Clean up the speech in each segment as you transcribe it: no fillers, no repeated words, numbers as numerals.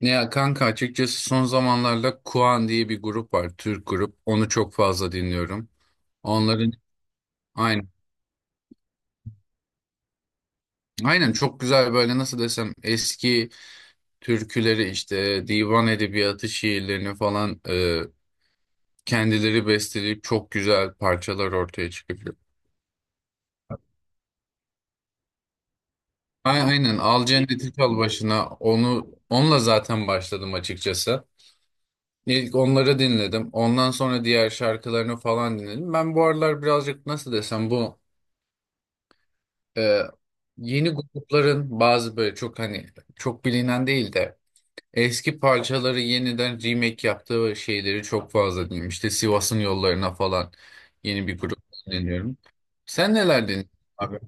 Ya kanka açıkçası son zamanlarda Kuan diye bir grup var. Türk grup. Onu çok fazla dinliyorum. Onların aynen. Aynen çok güzel böyle nasıl desem eski türküleri işte divan edebiyatı şiirlerini falan kendileri besteleyip çok güzel parçalar ortaya çıkıyor. Aynen Al Cenneti Çal Başına onunla zaten başladım açıkçası. İlk onları dinledim. Ondan sonra diğer şarkılarını falan dinledim. Ben bu aralar birazcık nasıl desem bu e, yeni grupların bazı böyle çok hani çok bilinen değil de eski parçaları yeniden remake yaptığı şeyleri çok fazla dinliyorum. İşte Sivas'ın yollarına falan yeni bir grup dinliyorum. Sen neler dinliyorsun abi?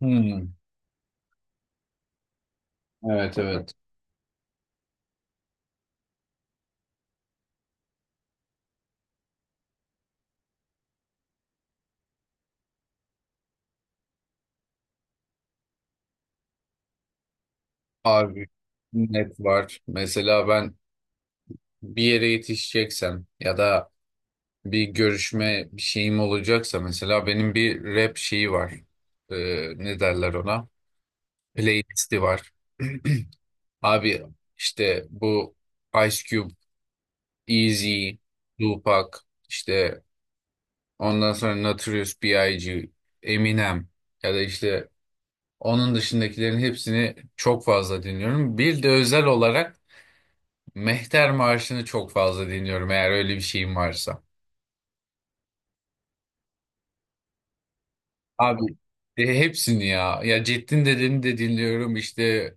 Hmm, evet evet. Abi net var. Mesela ben bir yere yetişeceksem ya da bir görüşme bir şeyim olacaksa mesela benim bir rap şeyi var. Ee, ne derler ona? Playlisti var. Abi işte bu Ice Cube, Easy, Tupac, işte ondan sonra Notorious B.I.G., Eminem ya da işte onun dışındakilerin hepsini çok fazla dinliyorum. Bir de özel olarak Mehter Marşı'nı çok fazla dinliyorum eğer öyle bir şeyim varsa. Abi hepsini ya. Ya Ceddin Dede'ni de dinliyorum işte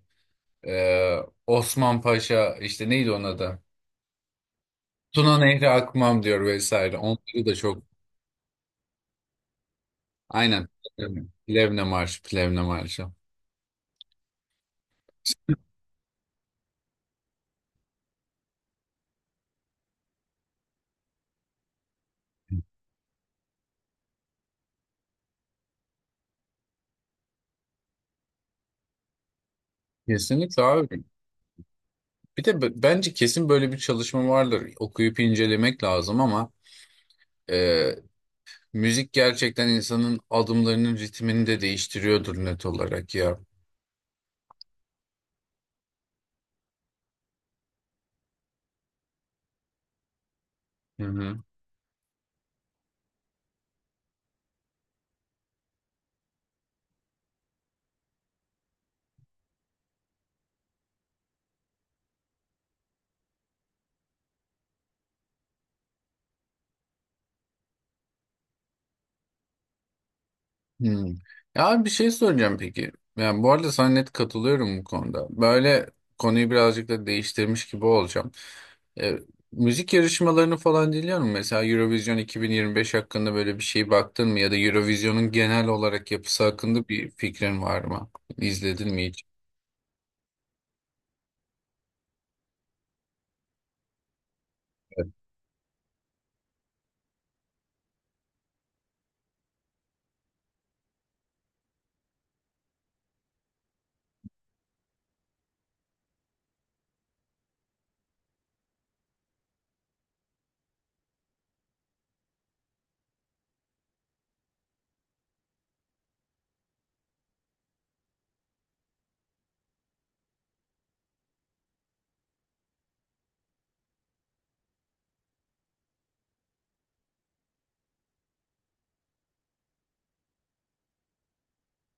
e, Osman Paşa işte neydi onun adı? Tuna Nehri Akmam diyor vesaire. Onları da çok. Aynen. Plevne Marşı, Plevne Marşı. Kesinlikle abi. Bir de bence kesin böyle bir çalışma vardır. Okuyup incelemek lazım ama e, müzik gerçekten insanın adımlarının ritmini de değiştiriyordur net olarak ya. Hı hı. Hmm. Ya abi bir şey soracağım peki. Yani bu arada sana net katılıyorum bu konuda. Böyle konuyu birazcık da değiştirmiş gibi olacağım. E, müzik yarışmalarını falan dinliyor musun? Mesela Eurovision 2025 hakkında böyle bir şey baktın mı? Ya da Eurovision'un genel olarak yapısı hakkında bir fikrin var mı? İzledin mi hiç?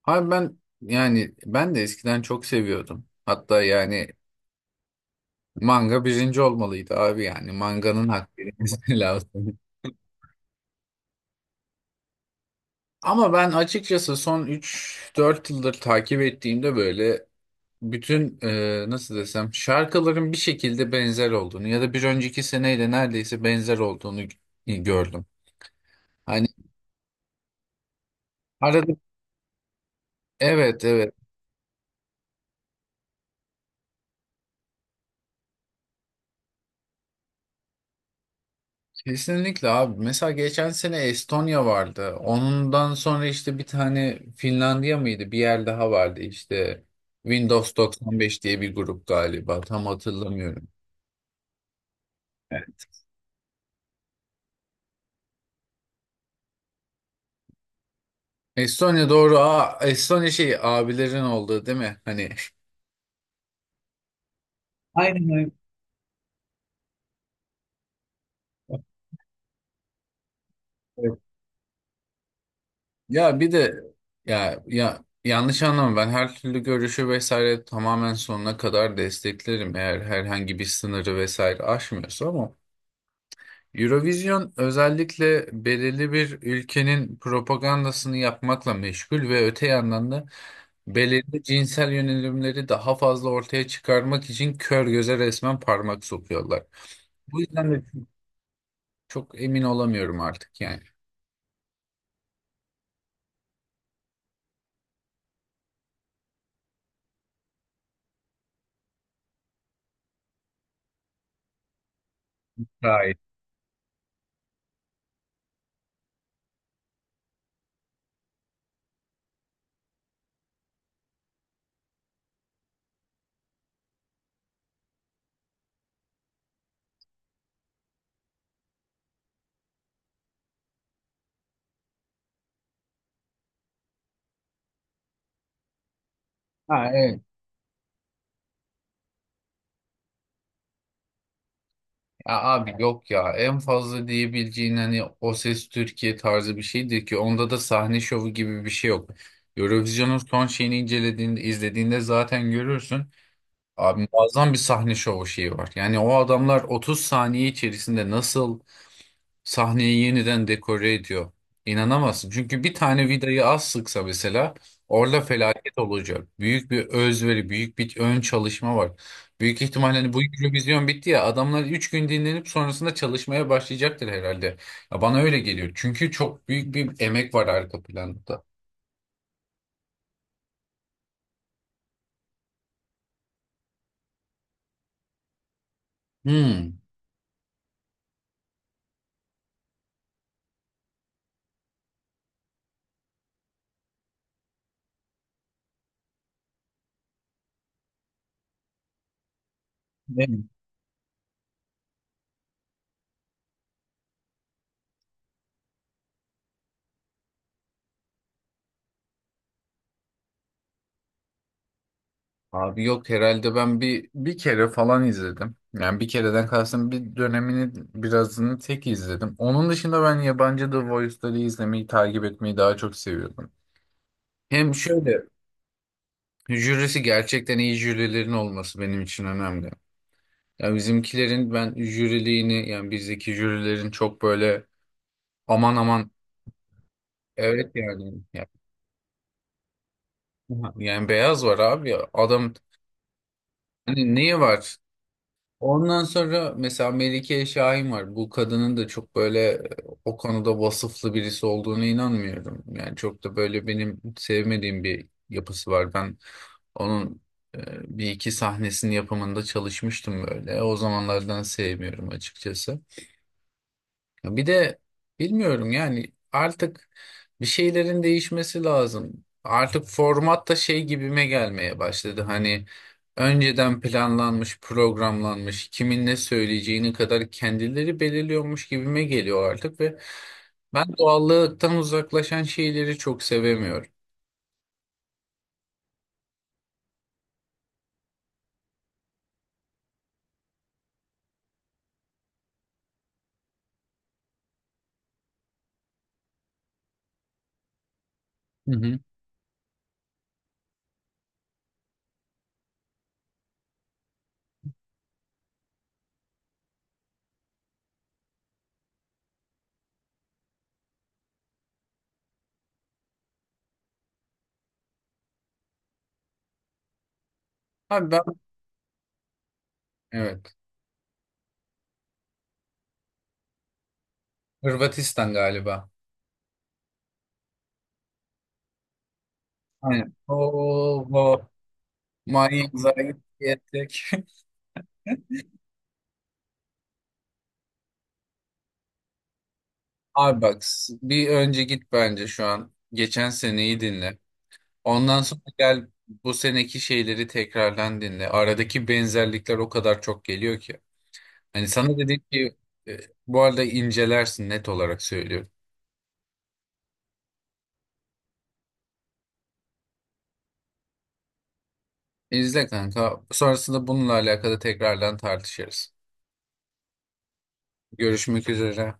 Abi ben yani ben de eskiden çok seviyordum. Hatta yani manga birinci olmalıydı abi yani. Manganın hakkı verilmesi lazım. Ama ben açıkçası son üç dört yıldır takip ettiğimde böyle bütün nasıl desem şarkıların bir şekilde benzer olduğunu ya da bir önceki seneyle neredeyse benzer olduğunu gördüm. Hani arada evet evet, kesinlikle abi. Mesela geçen sene Estonya vardı. Ondan sonra işte bir tane Finlandiya mıydı? Bir yer daha vardı işte Windows 95 diye bir grup galiba. Tam hatırlamıyorum. Estonya doğru. Aa, Estonya şey abilerin olduğu değil mi? Hani aynen öyle. Ya bir de ya yanlış anlama, ben her türlü görüşü vesaire tamamen sonuna kadar desteklerim eğer herhangi bir sınırı vesaire aşmıyorsa, ama Eurovision özellikle belirli bir ülkenin propagandasını yapmakla meşgul ve öte yandan da belirli cinsel yönelimleri daha fazla ortaya çıkarmak için kör göze resmen parmak sokuyorlar. Bu yüzden de çok emin olamıyorum artık yani. Gayet. Ha, evet. Ya abi yok ya, en fazla diyebileceğin hani O Ses Türkiye tarzı bir şeydir ki onda da sahne şovu gibi bir şey yok. Eurovision'un son şeyini incelediğinde izlediğinde zaten görürsün. Abi muazzam bir sahne şovu şeyi var. Yani o adamlar 30 saniye içerisinde nasıl sahneyi yeniden dekore ediyor. İnanamazsın. Çünkü bir tane vidayı az sıksa mesela orada felaket olacak. Büyük bir özveri, büyük bir ön çalışma var. Büyük ihtimalle hani bu Eurovision bitti ya, adamlar 3 gün dinlenip sonrasında çalışmaya başlayacaktır herhalde. Ya bana öyle geliyor. Çünkü çok büyük bir emek var arka planda. Hmm. Abi yok herhalde, ben bir kere falan izledim. Yani bir kereden kastım bir dönemini birazını tek izledim. Onun dışında ben yabancı The Voice'ları izlemeyi takip etmeyi daha çok seviyordum. Hem şöyle jürisi gerçekten iyi jürilerin olması benim için önemli. Yani bizimkilerin ben jüriliğini, yani bizdeki jürilerin çok böyle aman aman, evet yani, yani beyaz var abi ya, adam hani neyi var? Ondan sonra mesela Melike Şahin var. Bu kadının da çok böyle o konuda vasıflı birisi olduğunu inanmıyorum. Yani çok da böyle benim sevmediğim bir yapısı var. Ben onun e, bir iki sahnesinin yapımında çalışmıştım böyle. O zamanlardan sevmiyorum açıkçası. Ya bir de bilmiyorum yani, artık bir şeylerin değişmesi lazım. Artık format da şey gibime gelmeye başladı. Hani önceden planlanmış, programlanmış, kimin ne söyleyeceğini kadar kendileri belirliyormuş gibime geliyor artık ve ben doğallıktan uzaklaşan şeyleri çok sevemiyorum. Hı hı. Abi ben, evet. Hırvatistan galiba. Aynen. Oo, bu manyak zayi diyecek. Abi bak, bir önce git bence şu an. Geçen seneyi dinle. Ondan sonra gel bu seneki şeyleri tekrardan dinle. Aradaki benzerlikler o kadar çok geliyor ki. Hani sana dedik ki e, bu arada incelersin net olarak söylüyorum. İzle kanka. Sonrasında bununla alakalı tekrardan tartışırız. Görüşmek üzere.